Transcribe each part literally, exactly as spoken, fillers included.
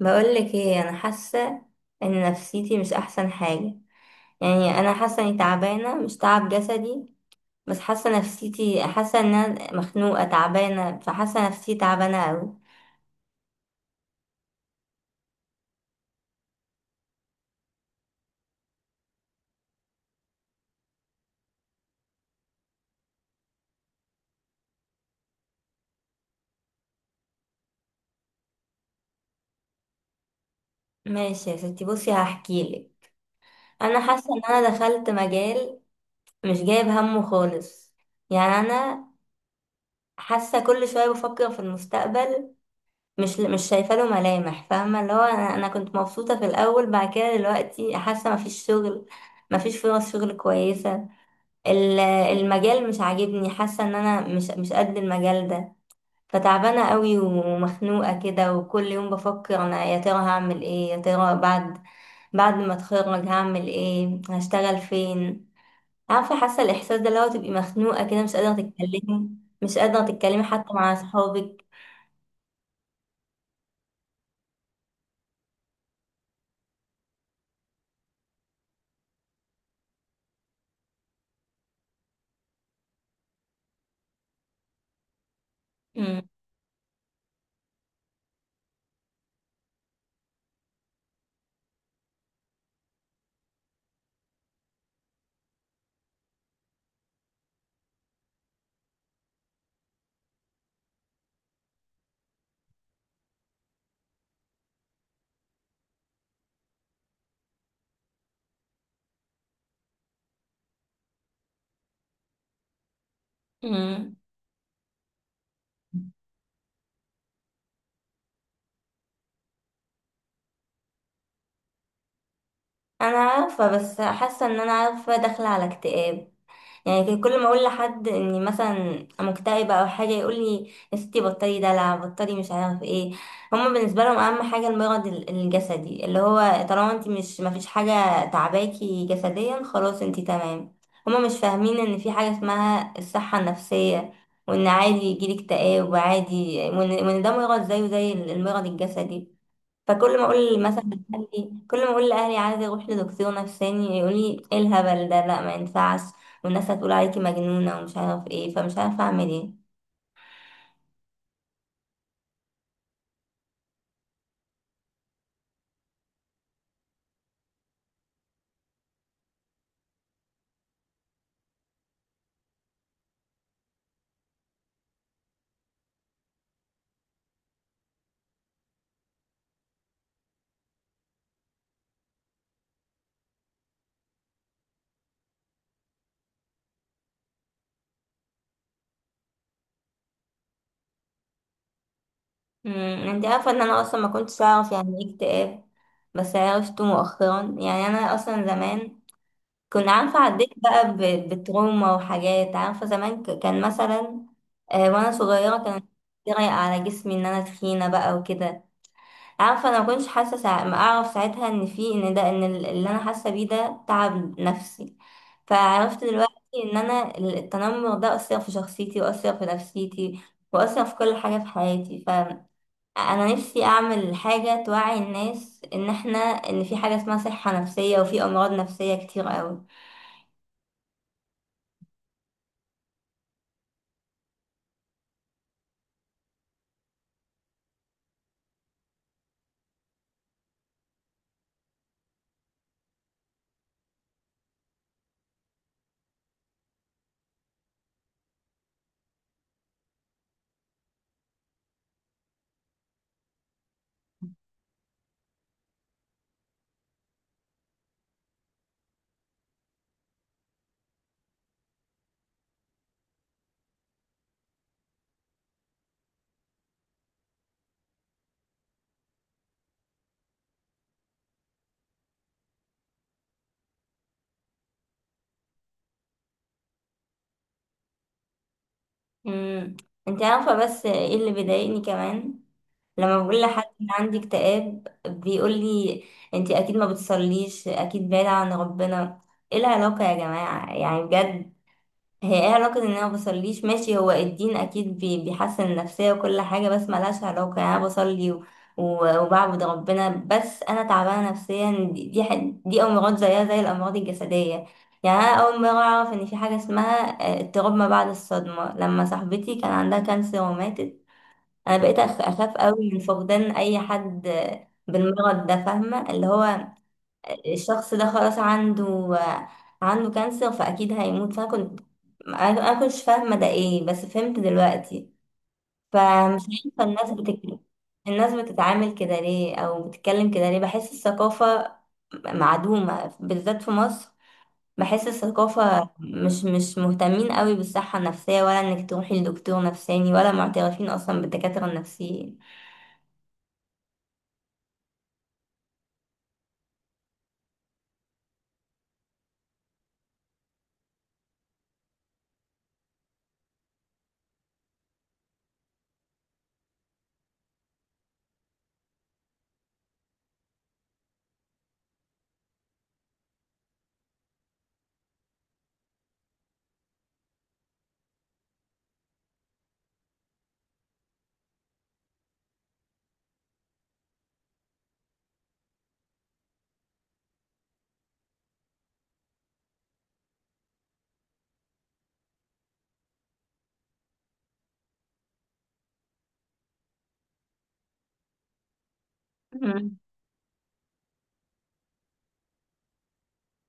بقولك ايه، انا حاسه ان نفسيتي مش احسن حاجه. يعني انا حاسه اني تعبانه مش تعب جسدي، بس حاسه نفسيتي، حاسه ان انا مخنوقه تعبانه، فحاسه نفسيتي تعبانه قوي. ماشي يا ستي، بصي هحكيلك. انا حاسه ان انا دخلت مجال مش جايب همه خالص. يعني انا حاسه كل شويه بفكر في المستقبل، مش مش شايفه له ملامح، فاهمه اللي هو انا انا كنت مبسوطه في الاول، بعد كده دلوقتي حاسه مفيش شغل، مفيش فرص شغل كويسة. ال- المجال مش عاجبني، حاسة ان انا مش مش قد المجال ده، فتعبانة قوي ومخنوقة كده، وكل يوم بفكر، انا يا ترى هعمل ايه؟ يا ترى بعد بعد ما اتخرج هعمل ايه؟ هشتغل فين؟ عارفة حاسة الاحساس ده، اللي هو تبقي مخنوقة كده، مش قادرة تتكلمي مش قادرة تتكلمي حتى مع اصحابك. م- م. انا عارفة، بس حاسة ان انا عارفة داخلة على اكتئاب. يعني كان كل ما اقول لحد اني مثلا مكتئبه او حاجه، يقول لي يا ستي بطلي دلع، بطلي مش عارف ايه. هما بالنسبه لهم اهم حاجه المرض ال- الجسدي، اللي هو طالما انت مش مفيش حاجه تعباكي جسديا، خلاص انت تمام. هما مش فاهمين ان في حاجه اسمها الصحه النفسيه، وان عادي يجيلك اكتئاب وعادي، وان وإن ده مرض زيه زي المرض الجسدي. فكل ما اقول مثلا لاهلي، كل ما اقول لاهلي عايزه اروح لدكتور نفساني، يقول لي ايه الهبل ده؟ لا، ما ينفعش، والناس هتقول عليكي مجنونه ومش عارف ايه. فمش عارفه اعمل ايه. امم انت عارفه ان انا اصلا ما كنتش اعرف يعني ايه اكتئاب، بس عرفته مؤخرا. يعني انا اصلا زمان كنت عارفه عديت بقى ب- بتروما وحاجات، عارفه زمان ك- كان مثلا، آه، وانا صغيره كان يضايق على جسمي ان انا تخينه بقى وكده. عارفه انا ما كنتش حاسه ساع... ما اعرف ساعتها ان في، ان ده، ان ال- اللي انا حاسه بيه ده تعب نفسي، فعرفت دلوقتي ان انا ال- التنمر ده اثر في شخصيتي، واثر في نفسيتي، واثر في كل حاجه في حياتي. فانا نفسي اعمل حاجه توعي الناس، ان احنا ان في حاجه اسمها صحه نفسيه، وفي امراض نفسيه كتير قوي. امم انت عارفه بس ايه اللي بيضايقني كمان؟ لما بقول لحد ان عندي اكتئاب، بيقول لي انتي اكيد ما بتصليش، اكيد بعيدة عن ربنا. ايه العلاقة يا جماعة؟ يعني بجد، هي ايه علاقة ان انا ما بصليش؟ ماشي، هو الدين اكيد بي- بيحسن النفسية وكل حاجة، بس ملهاش علاقة. يعني انا بصلي و- و- وبعبد ربنا، بس انا تعبانة نفسيا. دي دي ح- دي امراض زيها زي الامراض الجسدية. يعني انا اول مرة اعرف ان في حاجة اسمها، آه، اضطراب ما بعد الصدمة، لما صاحبتي كان عندها كانسر وماتت. انا بقيت أخ- اخاف قوي من فقدان اي حد بالمرض ده، فاهمه اللي هو الشخص ده خلاص عنده عنده كانسر، فاكيد هيموت. فانا كنت انا أنا كنتش فاهمه ده ايه، بس فهمت دلوقتي. فمش عارفه الناس بتك... الناس بتتعامل كده ليه، او بتتكلم كده ليه؟ بحس الثقافه معدومه بالذات في مصر. بحس الثقافة مش مش مهتمين قوي بالصحة النفسية، ولا انك تروحي لدكتور نفساني، ولا معترفين اصلا بالدكاترة النفسيين.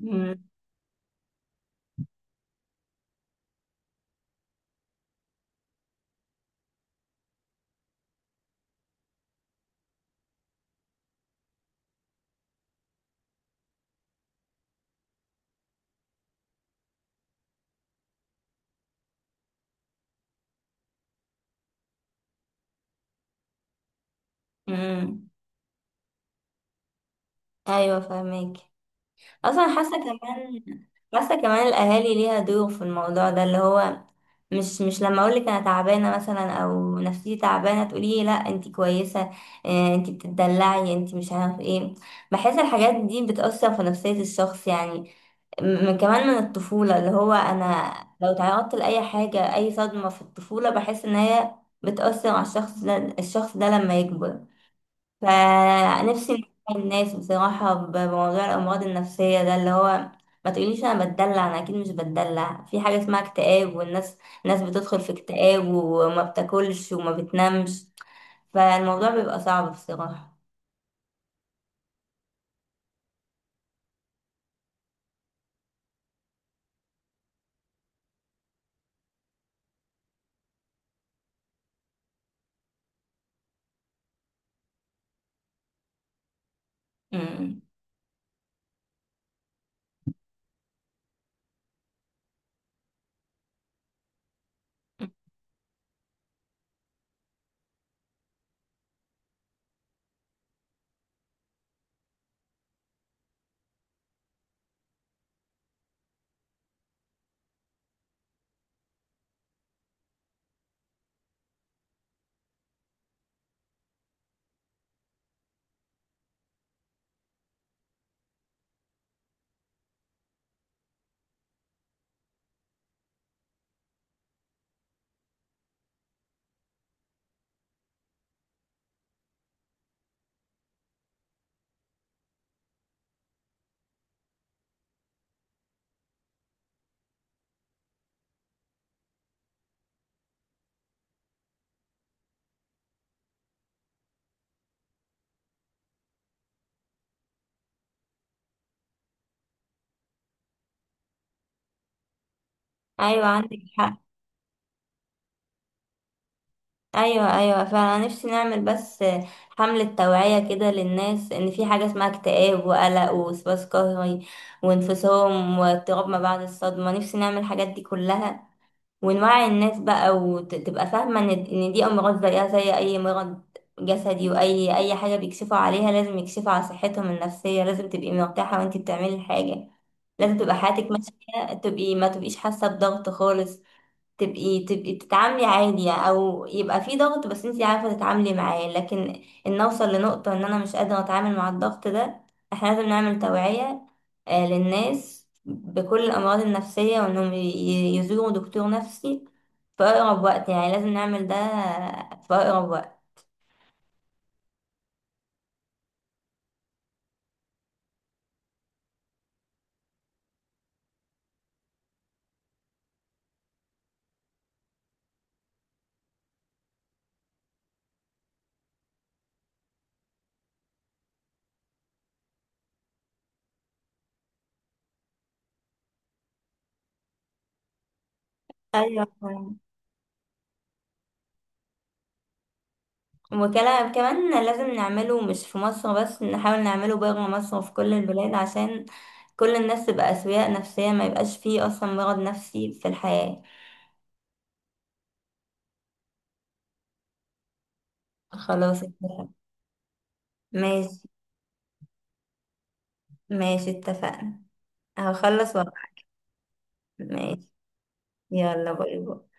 مم. مم. ايوه، فاهمك. اصلا حاسه كمان، حاسه كمان الاهالي ليها دور في الموضوع ده، اللي هو مش مش لما اقول لك انا تعبانه مثلا، او نفسيتي تعبانه، تقولي لي لا انت كويسه، آه، انت بتدلعي، انت مش عارف ايه. بحس الحاجات دي بتاثر في نفسيه الشخص. يعني من كمان، من الطفوله، اللي هو انا لو تعرضت لاي حاجه، اي صدمه في الطفوله، بحس ان هي بتاثر على الشخص ده، الشخص ده لما يكبر. فنفسي نوعي الناس بصراحة ب- بموضوع الأمراض النفسية ده، اللي هو ما تقوليش أنا بتدلع، أنا أكيد مش بتدلع. في حاجة اسمها اكتئاب، والناس، الناس بتدخل في اكتئاب وما بتاكلش وما بتنامش، فالموضوع بيبقى صعب بصراحة. أمم. أيوة، عندك حق. أيوة، أيوة، فأنا نفسي نعمل بس حملة توعية كده للناس، إن في حاجة اسمها اكتئاب وقلق ووسواس قهري وانفصام واضطراب ما بعد الصدمة. نفسي نعمل الحاجات دي كلها، ونوعي الناس بقى وتبقى فاهمة ان إن دي امراض زيها زي اي مرض جسدي. واي اي حاجة بيكشفوا عليها، لازم يكشفوا على صحتهم النفسية. لازم تبقي مرتاحة وانتي بتعملي الحاجة، لازم تبقى حياتك ماشية، تبقي ما تبقيش حاسة بضغط خالص. تبقي تبقي تتعاملي عادي، او يبقى في ضغط بس انتي عارفة تتعاملي معاه، لكن ان اوصل لنقطة ان انا مش قادرة اتعامل مع الضغط ده. احنا لازم نعمل توعية، آه، للناس بكل الامراض النفسية، وانهم ي- ي- يزوروا دكتور نفسي في اقرب وقت. يعني لازم نعمل ده في اقرب وقت. ايوه، وكلا كمان لازم نعمله، مش في مصر بس، نحاول نعمله بره مصر وفي كل البلاد، عشان كل الناس تبقى أسوياء نفسية، ما يبقاش فيه أصلا مرض نفسي في الحياة. خلاص، اتفقنا. ماشي. ماشي، اتفقنا. هخلص وقت. ماشي. يلا، باي باي.